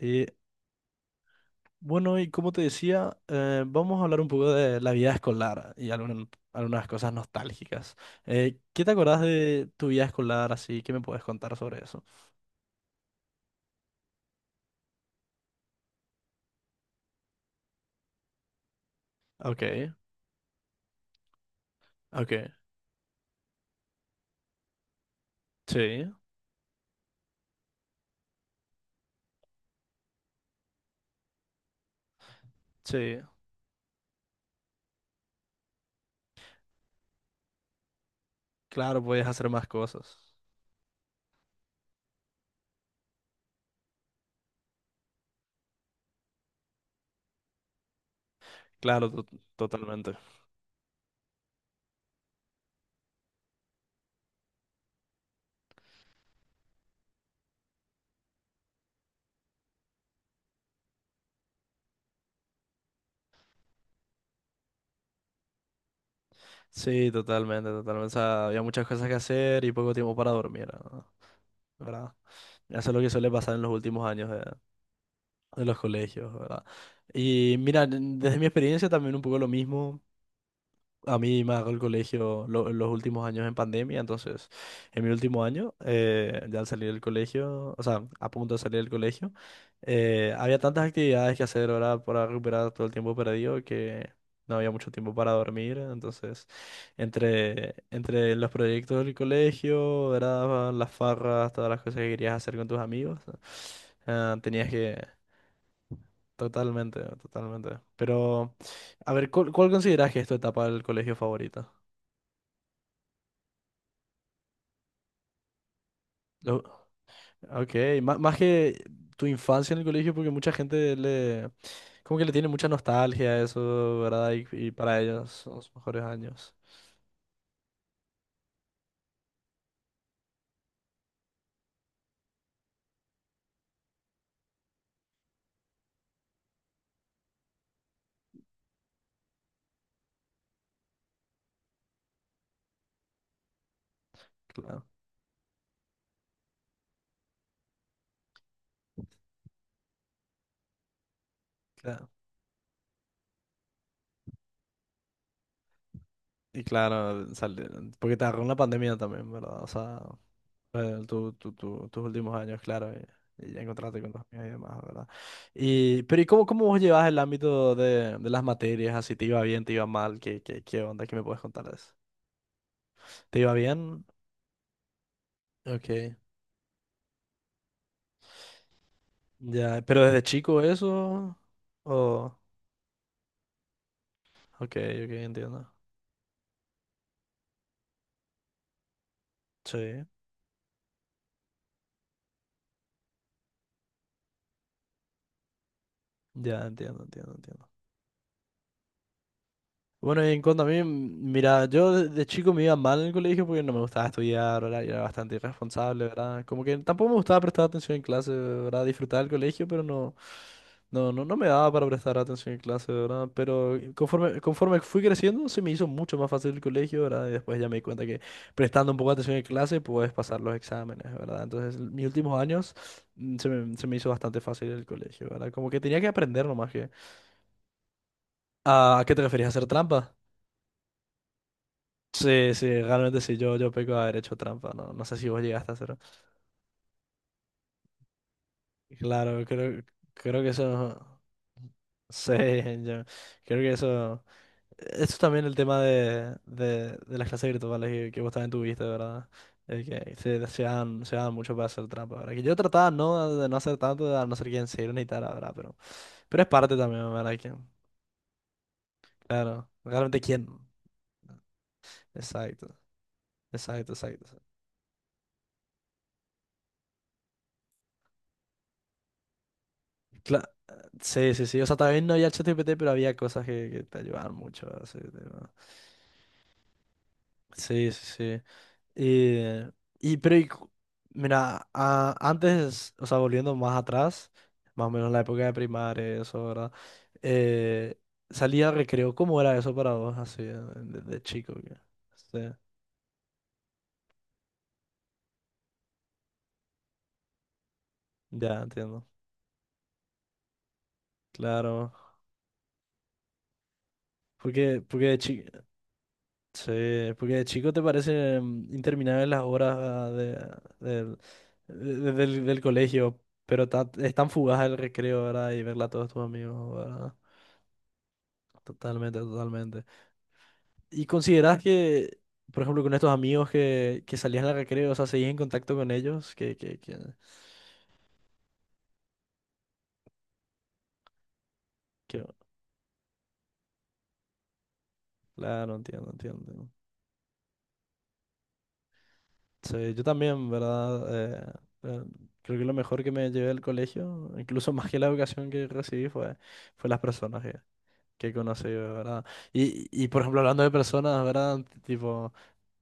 Eh, bueno, y como te decía, vamos a hablar un poco de la vida escolar y algunas cosas nostálgicas. ¿Qué te acordás de tu vida escolar así? ¿Qué me puedes contar sobre eso? Ok, ok. Sí, sí. Claro, puedes hacer más cosas. Claro, totalmente. Sí, totalmente, totalmente. O sea, había muchas cosas que hacer y poco tiempo para dormir, ¿no? ¿Verdad? Eso es lo que suele pasar en los últimos años de los colegios, ¿verdad? Y mira, desde mi experiencia también un poco lo mismo. A mí me agarró el colegio los últimos años en pandemia, entonces en mi último año, ya al salir del colegio, o sea, a punto de salir del colegio, había tantas actividades que hacer ahora para recuperar todo el tiempo perdido que no había mucho tiempo para dormir, entonces entre los proyectos del colegio, ¿verdad?, las farras, todas las cosas que querías hacer con tus amigos, tenías que... Totalmente, totalmente. Pero, a ver, ¿cuál consideras que es tu etapa del colegio favorita? Lo- Ok, más que tu infancia en el colegio, porque mucha gente como que le tiene mucha nostalgia a eso, ¿verdad? Y para ellos son los mejores años. Claro, claro. Y claro, porque te agarró la pandemia también, ¿verdad? O sea, tus últimos años, claro, y ya encontrarte con tus amigos y demás, ¿verdad? Y, pero ¿y cómo, cómo vos llevas el ámbito de las materias? Así, ¿te iba bien, te iba mal? ¿Qué, qué, qué onda? ¿Qué me puedes contar de eso? ¿Te iba bien? Ok. Ya, pero desde chico eso. Oh, ok, ok, entiendo. Sí, ya entiendo, entiendo, entiendo. Bueno, y en cuanto a mí, mira, yo de chico me iba mal en el colegio porque no me gustaba estudiar, ¿verdad? Y era bastante irresponsable, ¿verdad? Como que tampoco me gustaba prestar atención en clase, ¿verdad? Disfrutaba el colegio, pero no me daba para prestar atención en clase, ¿verdad? Pero conforme fui creciendo, se me hizo mucho más fácil el colegio, ¿verdad? Y después ya me di cuenta que prestando un poco de atención en clase puedes pasar los exámenes, ¿verdad? Entonces, mis últimos años se me hizo bastante fácil el colegio, ¿verdad? Como que tenía que aprender nomás que... ¿A qué te referías? ¿A hacer trampa? Sí, sí, realmente sí, yo peco de haber hecho trampa, no, no sé si vos llegaste a hacerlo. Claro, creo, creo que eso, sí, yo creo que eso es también el tema de las clases virtuales que vos también tuviste, ¿verdad? Se dan mucho para hacer trampa, ¿verdad? Que yo trataba no, de no hacer tanto, a no ser quien se ni tal, ¿verdad? Pero es parte también, ¿verdad? Que, claro, realmente quién. Exacto, exacto, exacto. Exacto. Cla- Sí, sí, sí. O sea, también no había ChatGPT, pero había cosas que te ayudaban mucho a ese tema. Sí, sí, sí. Eh, y, pero, y cu- mira, antes, o sea, volviendo más atrás, más o menos en la época de primaria, eso, ¿verdad? Eh, salía recreo, ¿cómo era eso para vos, así, de chico? Sí, ya entiendo. Claro. Porque, porque de chico. Sí, porque de chico te parecen interminables las horas del colegio, pero es tan fugaz el recreo, ¿verdad? Y verla a todos tus amigos, ¿verdad? Totalmente, totalmente. ¿Y consideras que, por ejemplo, con estos amigos que salían al recreo, o sea, seguís en contacto con ellos? Que- claro, entiendo, entiendo. Sí, yo también, ¿verdad? Eh, creo que lo mejor que me llevé del colegio, incluso más que la educación que recibí, fue, fue las personas que conocí, ¿verdad? Y por ejemplo, hablando de personas, ¿verdad? Tipo,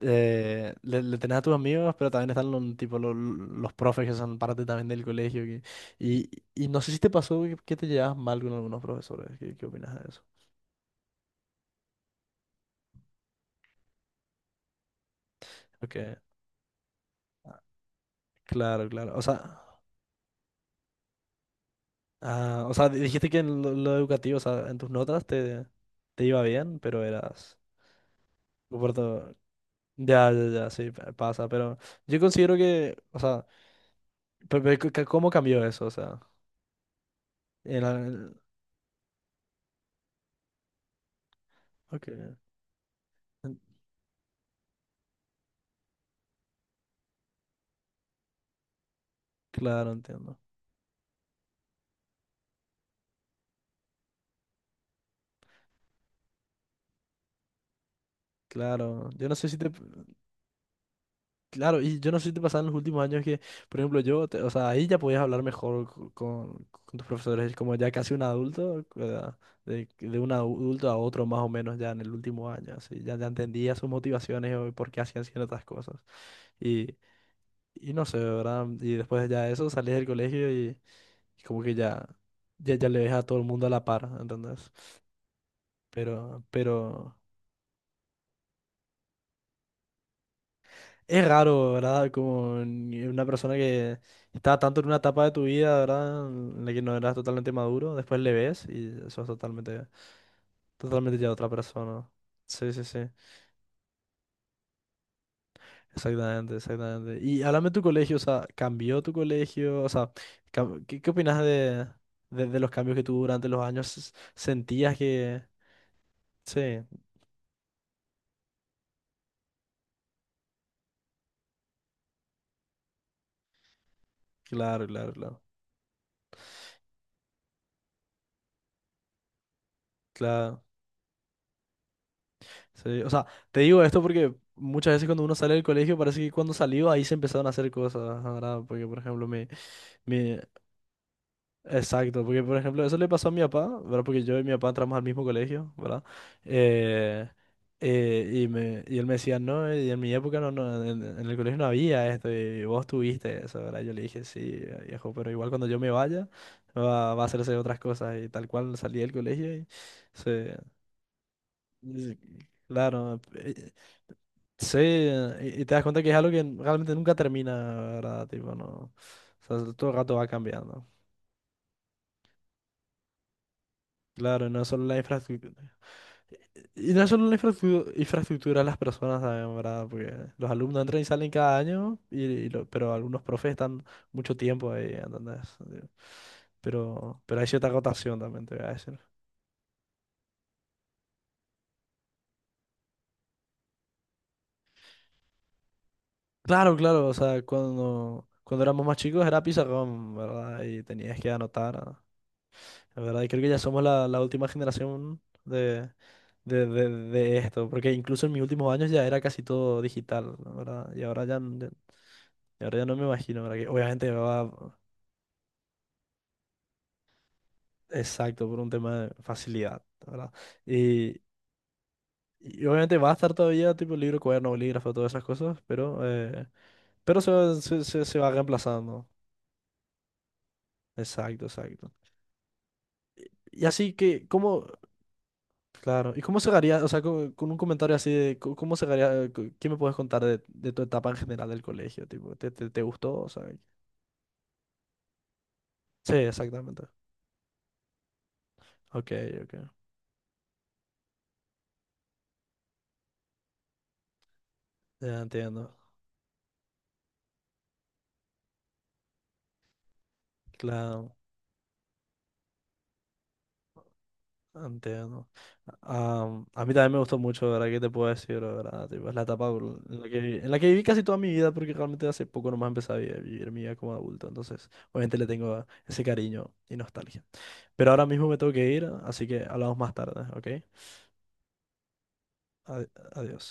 le tenés a tus amigos, pero también están los, tipo, los profes que son parte también del colegio. Y, y no sé si te pasó que te llevas mal con algunos profesores. ¿Qué, qué opinas de eso? Ok, claro, claro. O sea, ah, o sea, dijiste que en lo educativo, o sea, en tus notas te iba bien, pero eras... comporto- Ya, ya, ya, sí, pasa, pero yo considero que, o sea, ¿cómo cambió eso? O sea... Ok, en- claro, entiendo. Claro, yo no sé si te... Claro, y yo no sé si te pasaba en los últimos años que, por ejemplo, o sea, ahí ya podías hablar mejor con tus profesores, como ya casi un adulto, ¿verdad? De un adulto a otro más o menos ya en el último año, así, ya, ya entendía sus motivaciones o por qué hacían ciertas cosas. Y, y no sé, ¿verdad? Y después ya de eso salís del colegio y como que ya, ya, ya le ves a todo el mundo a la par, ¿entendés? Pero... Es raro, ¿verdad? Como una persona que está tanto en una etapa de tu vida, ¿verdad? En la que no eras totalmente maduro, después le ves y sos totalmente, totalmente ya otra persona. Sí, sí, sí, exactamente, exactamente. Y háblame de tu colegio, o sea, ¿cambió tu colegio? O sea, ¿qué, qué opinas de los cambios que tuvo durante los años? ¿Sentías que...? Sí, claro, claro, claro. Claro. Sí, o sea, te digo esto porque muchas veces cuando uno sale del colegio parece que cuando salió ahí se empezaron a hacer cosas, ¿verdad? Porque, por ejemplo, mi... Exacto, porque, por ejemplo, eso le pasó a mi papá, ¿verdad? Porque yo y mi papá entramos al mismo colegio, ¿verdad? Eh, y, me, y él me decía, no, y en mi época no, en el colegio no había esto, y vos tuviste eso, ¿verdad? Yo le dije, sí, viejo, pero igual cuando yo me vaya va a hacerse otras cosas, y tal cual salí del colegio y se... y- Claro, sí, y te das cuenta que es algo que realmente nunca termina, ¿verdad? Tipo, no. O sea, todo el rato va cambiando. Claro, no es solo la infraestructura. Y no es solo la infraestructura, las personas también, ¿verdad? Porque los alumnos entran y salen cada año, pero algunos profes están mucho tiempo ahí, ¿entendés? Sí. Pero hay cierta rotación también, te voy a decir. Claro, claro, o sea, cuando, cuando éramos más chicos era pizarrón, ¿verdad? Y tenías que anotar, ¿verdad? Y creo que ya somos la última generación de esto, porque incluso en mis últimos años ya era casi todo digital, ¿no? ¿Verdad? Y ahora ya, y ahora ya no me imagino, ¿verdad? Que obviamente va exacto por un tema de facilidad, ¿verdad? Y, y obviamente va a estar todavía tipo libro, cuaderno, bolígrafo, todas esas cosas, pero se va reemplazando. Exacto, exacto. Y así que, ¿cómo? Claro, ¿y cómo cerraría? O sea, un comentario así de, ¿cómo cerraría? ¿Qué me puedes contar de tu etapa en general del colegio? Tipo, ¿te, te, te gustó? O sea, sí, exactamente. Ok, ok. Ya entiendo. Claro, entiendo. Am, a mí también me gustó mucho, ¿verdad? ¿Qué te puedo decir, verdad? Tipo, es la etapa en la que, en la que viví casi toda mi vida, porque realmente hace poco nomás empecé a a vivir, mi vida como adulto. Entonces, obviamente le tengo ese cariño y nostalgia. Pero ahora mismo me tengo que ir, así que hablamos más tarde, ¿ok? Adi- Adiós.